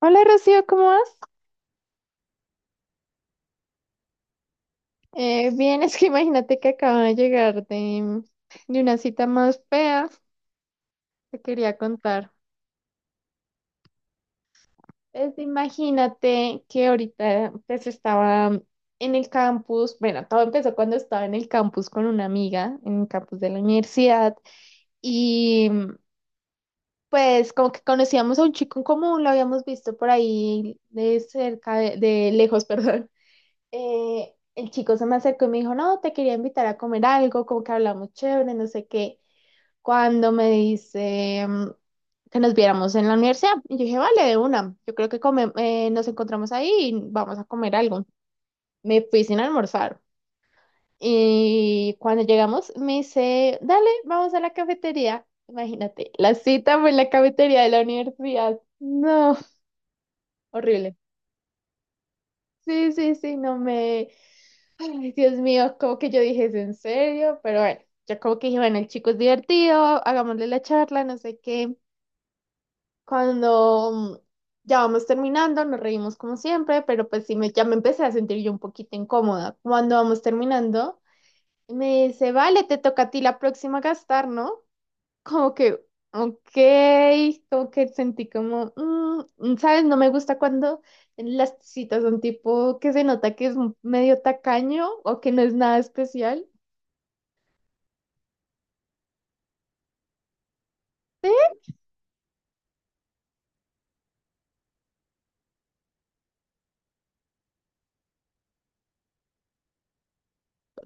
Hola Rocío, ¿cómo vas? Bien, es que imagínate que acabo de llegar de una cita más fea, te quería contar. Pues imagínate que ahorita pues estaba en el campus, bueno, todo empezó cuando estaba en el campus con una amiga, en el campus de la universidad, y pues como que conocíamos a un chico en común, lo habíamos visto por ahí de cerca, de lejos, perdón. El chico se me acercó y me dijo, no, te quería invitar a comer algo, como que hablamos chévere, no sé qué. Cuando me dice que nos viéramos en la universidad, y yo dije, vale, de una, yo creo que nos encontramos ahí y vamos a comer algo. Me fui sin almorzar. Y cuando llegamos, me dice, dale, vamos a la cafetería. Imagínate, la cita fue en la cafetería de la universidad. No, horrible. Sí, sí, sí, no me... Ay, Dios mío, como que yo dije, ¿es en serio? Pero bueno, ya como que dije, bueno, el chico es divertido, hagámosle la charla, no sé qué. Cuando ya vamos terminando, nos reímos como siempre, pero pues sí, me, ya me empecé a sentir yo un poquito incómoda. Cuando vamos terminando, me dice, vale, te toca a ti la próxima gastar, ¿no? Como que, ok, como que sentí como, mm, ¿sabes? No me gusta cuando... Las citas son tipo que se nota que es un medio tacaño o que no es nada especial. Sí,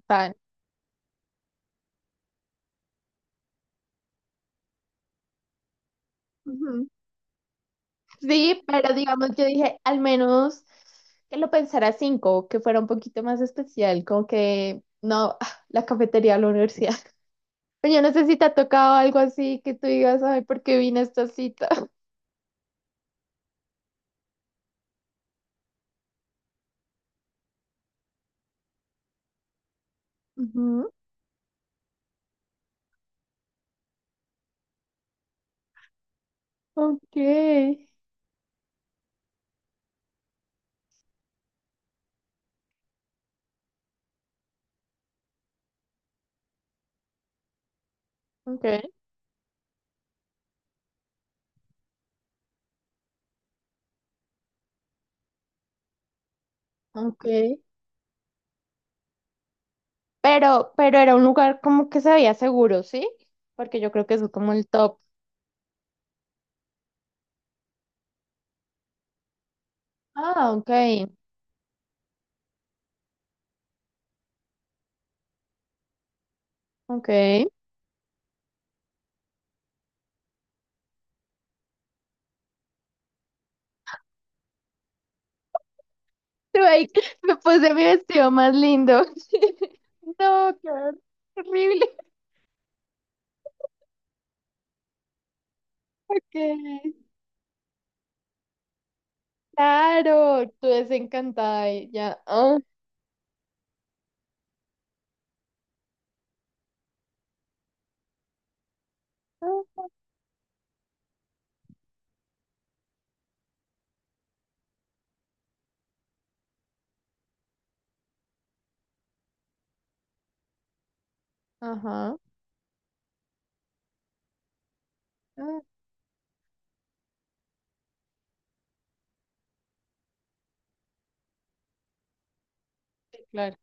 tal. Ujú. Sí, pero digamos, yo dije, al menos que lo pensara cinco, que fuera un poquito más especial, como que no, ah, la cafetería de la universidad. Pero yo no sé si te ha tocado algo así que tú digas, ay, ¿por qué vine a esta cita? Ujú. Ok, ok. Ok. Pero era un lugar como que se veía seguro, ¿sí? Porque yo creo que eso es como el top. Ah, ok. Ok. Tú ahí, me puse mi vestido más lindo. No, qué horrible. Ok, claro, tú desencantada y ya. Ah, ah, ajá, ah, sí, claro.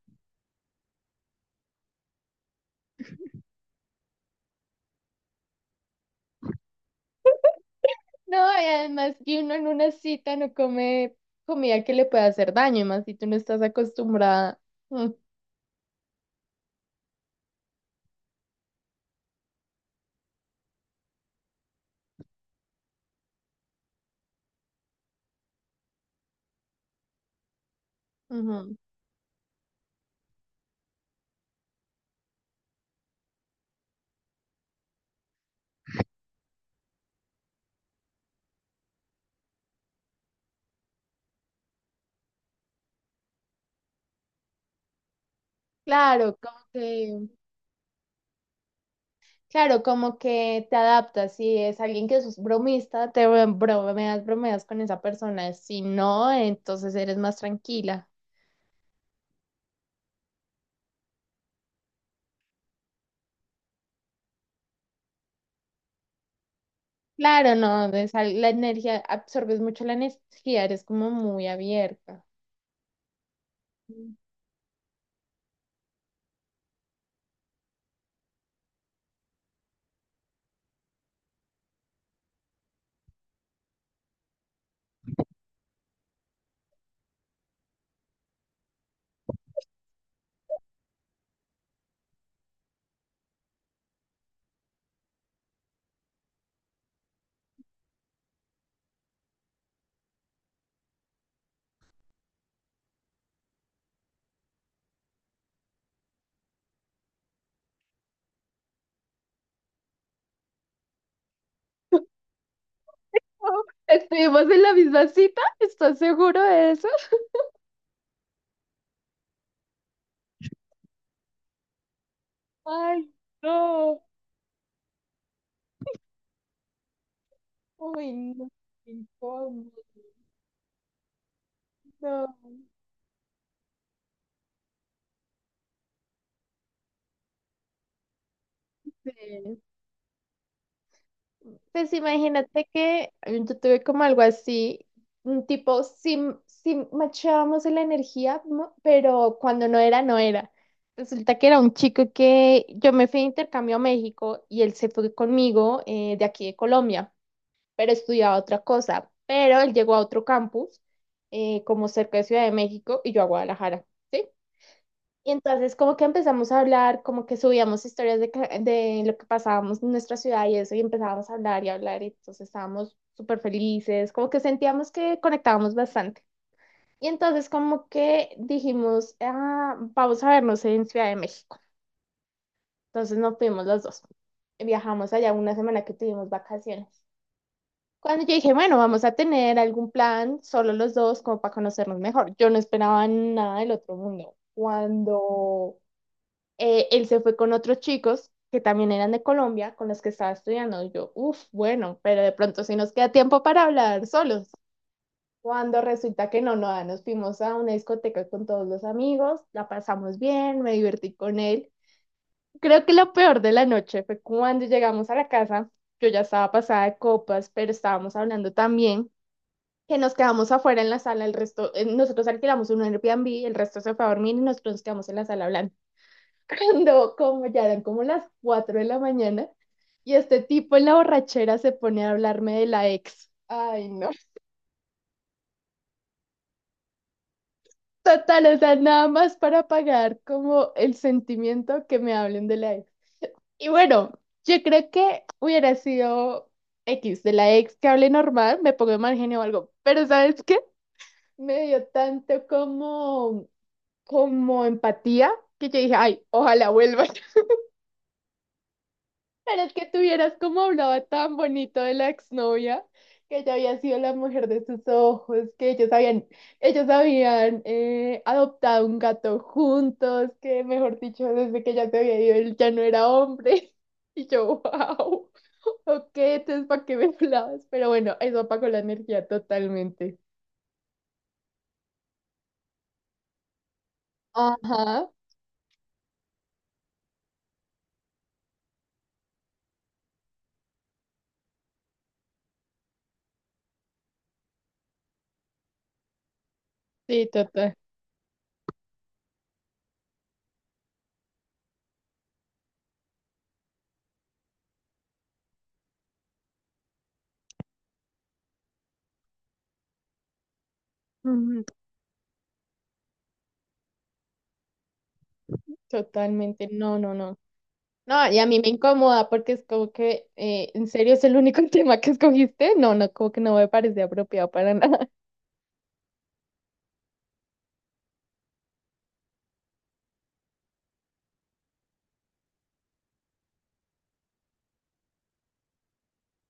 No, y además que uno en una cita no come comida que le pueda hacer daño, y más si tú no estás acostumbrada. Mm, ujú. Claro, como que claro, como que te adaptas. Si es alguien que es bromista, te bromeas, bromeas con esa persona. Si no, entonces eres más tranquila. Claro, no, es la energía, absorbes mucho la energía, eres como muy abierta. Mm. Oh, ¿estuvimos en la misma cita? ¿Estás seguro de eso? Ay, no. Uy, no, qué incómodo. No. Sí. Pues imagínate que yo tuve como algo así, un tipo, sí, sí machábamos en la energía, pero cuando no era, no era. Resulta que era un chico que yo me fui de intercambio a México y él se fue conmigo de aquí de Colombia, pero estudiaba otra cosa. Pero él llegó a otro campus, como cerca de Ciudad de México, y yo a Guadalajara. ¿Sí? Y entonces como que empezamos a hablar, como que subíamos historias de, de lo que pasábamos en nuestra ciudad y eso, y empezábamos a hablar y hablar, y entonces estábamos súper felices, como que sentíamos que conectábamos bastante. Y entonces como que dijimos, "Ah, vamos a vernos en Ciudad de México". Entonces nos fuimos los dos. Y viajamos allá una semana que tuvimos vacaciones. Cuando yo dije, bueno, vamos a tener algún plan, solo los dos, como para conocernos mejor. Yo no esperaba nada del otro mundo. Cuando él se fue con otros chicos que también eran de Colombia, con los que estaba estudiando. Y yo, uff, bueno, pero de pronto sí nos queda tiempo para hablar solos. Cuando resulta que no, no, ah, nos fuimos a una discoteca con todos los amigos, la pasamos bien, me divertí con él. Creo que lo peor de la noche fue cuando llegamos a la casa, yo ya estaba pasada de copas, pero estábamos hablando también, que nos quedamos afuera en la sala, el resto, nosotros alquilamos un Airbnb, el resto se fue a dormir y nosotros nos quedamos en la sala hablando cuando como ya eran como las 4 de la mañana y este tipo en la borrachera se pone a hablarme de la ex. Ay, no. Total, o sea, nada más para pagar como el sentimiento que me hablen de la ex. Y bueno, yo creo que hubiera sido X de la ex que hable normal, me pongo de mal genio o algo, pero ¿sabes qué? Me dio tanto como, como empatía que yo dije, ay, ojalá vuelva. Pero es que tuvieras como hablaba tan bonito de la exnovia, que ella había sido la mujer de sus ojos, que ellos habían adoptado un gato juntos, que mejor dicho, desde que ella se había ido, él ya no era hombre. Y yo, wow, ok, entonces ¿para qué me hablabas? Pero bueno, eso apagó la energía totalmente. Ajá, sí, total. Ujú, totalmente, no, no, no. No, y a mí me incomoda porque es como que, ¿en serio es el único tema que escogiste? No, no, como que no me parece apropiado para nada.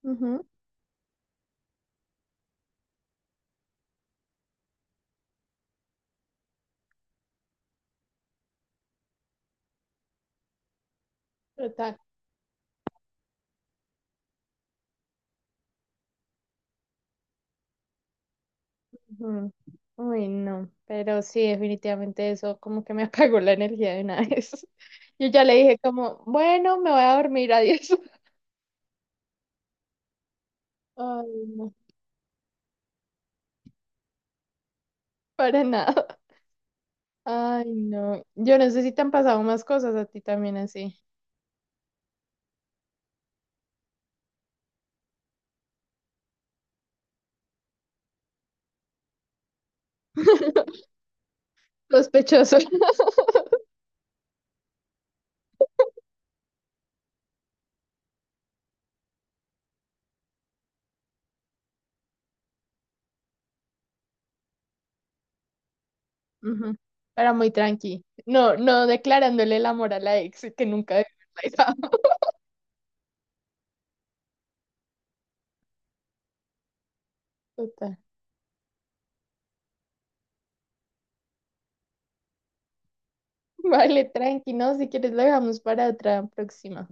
Ujú, total. Ujú. Uy, no, pero sí, definitivamente eso como que me apagó la energía de una vez. Yo ya le dije como, bueno, me voy a dormir, adiós. Ay, no, para nada. Ay, no. Yo no sé si te han pasado más cosas a ti también así. Sospechoso. Ujú. Era muy tranqui. No, no declarándole el amor a la ex que nunca total. Vale, tranqui, ¿no? Si quieres lo dejamos para otra próxima.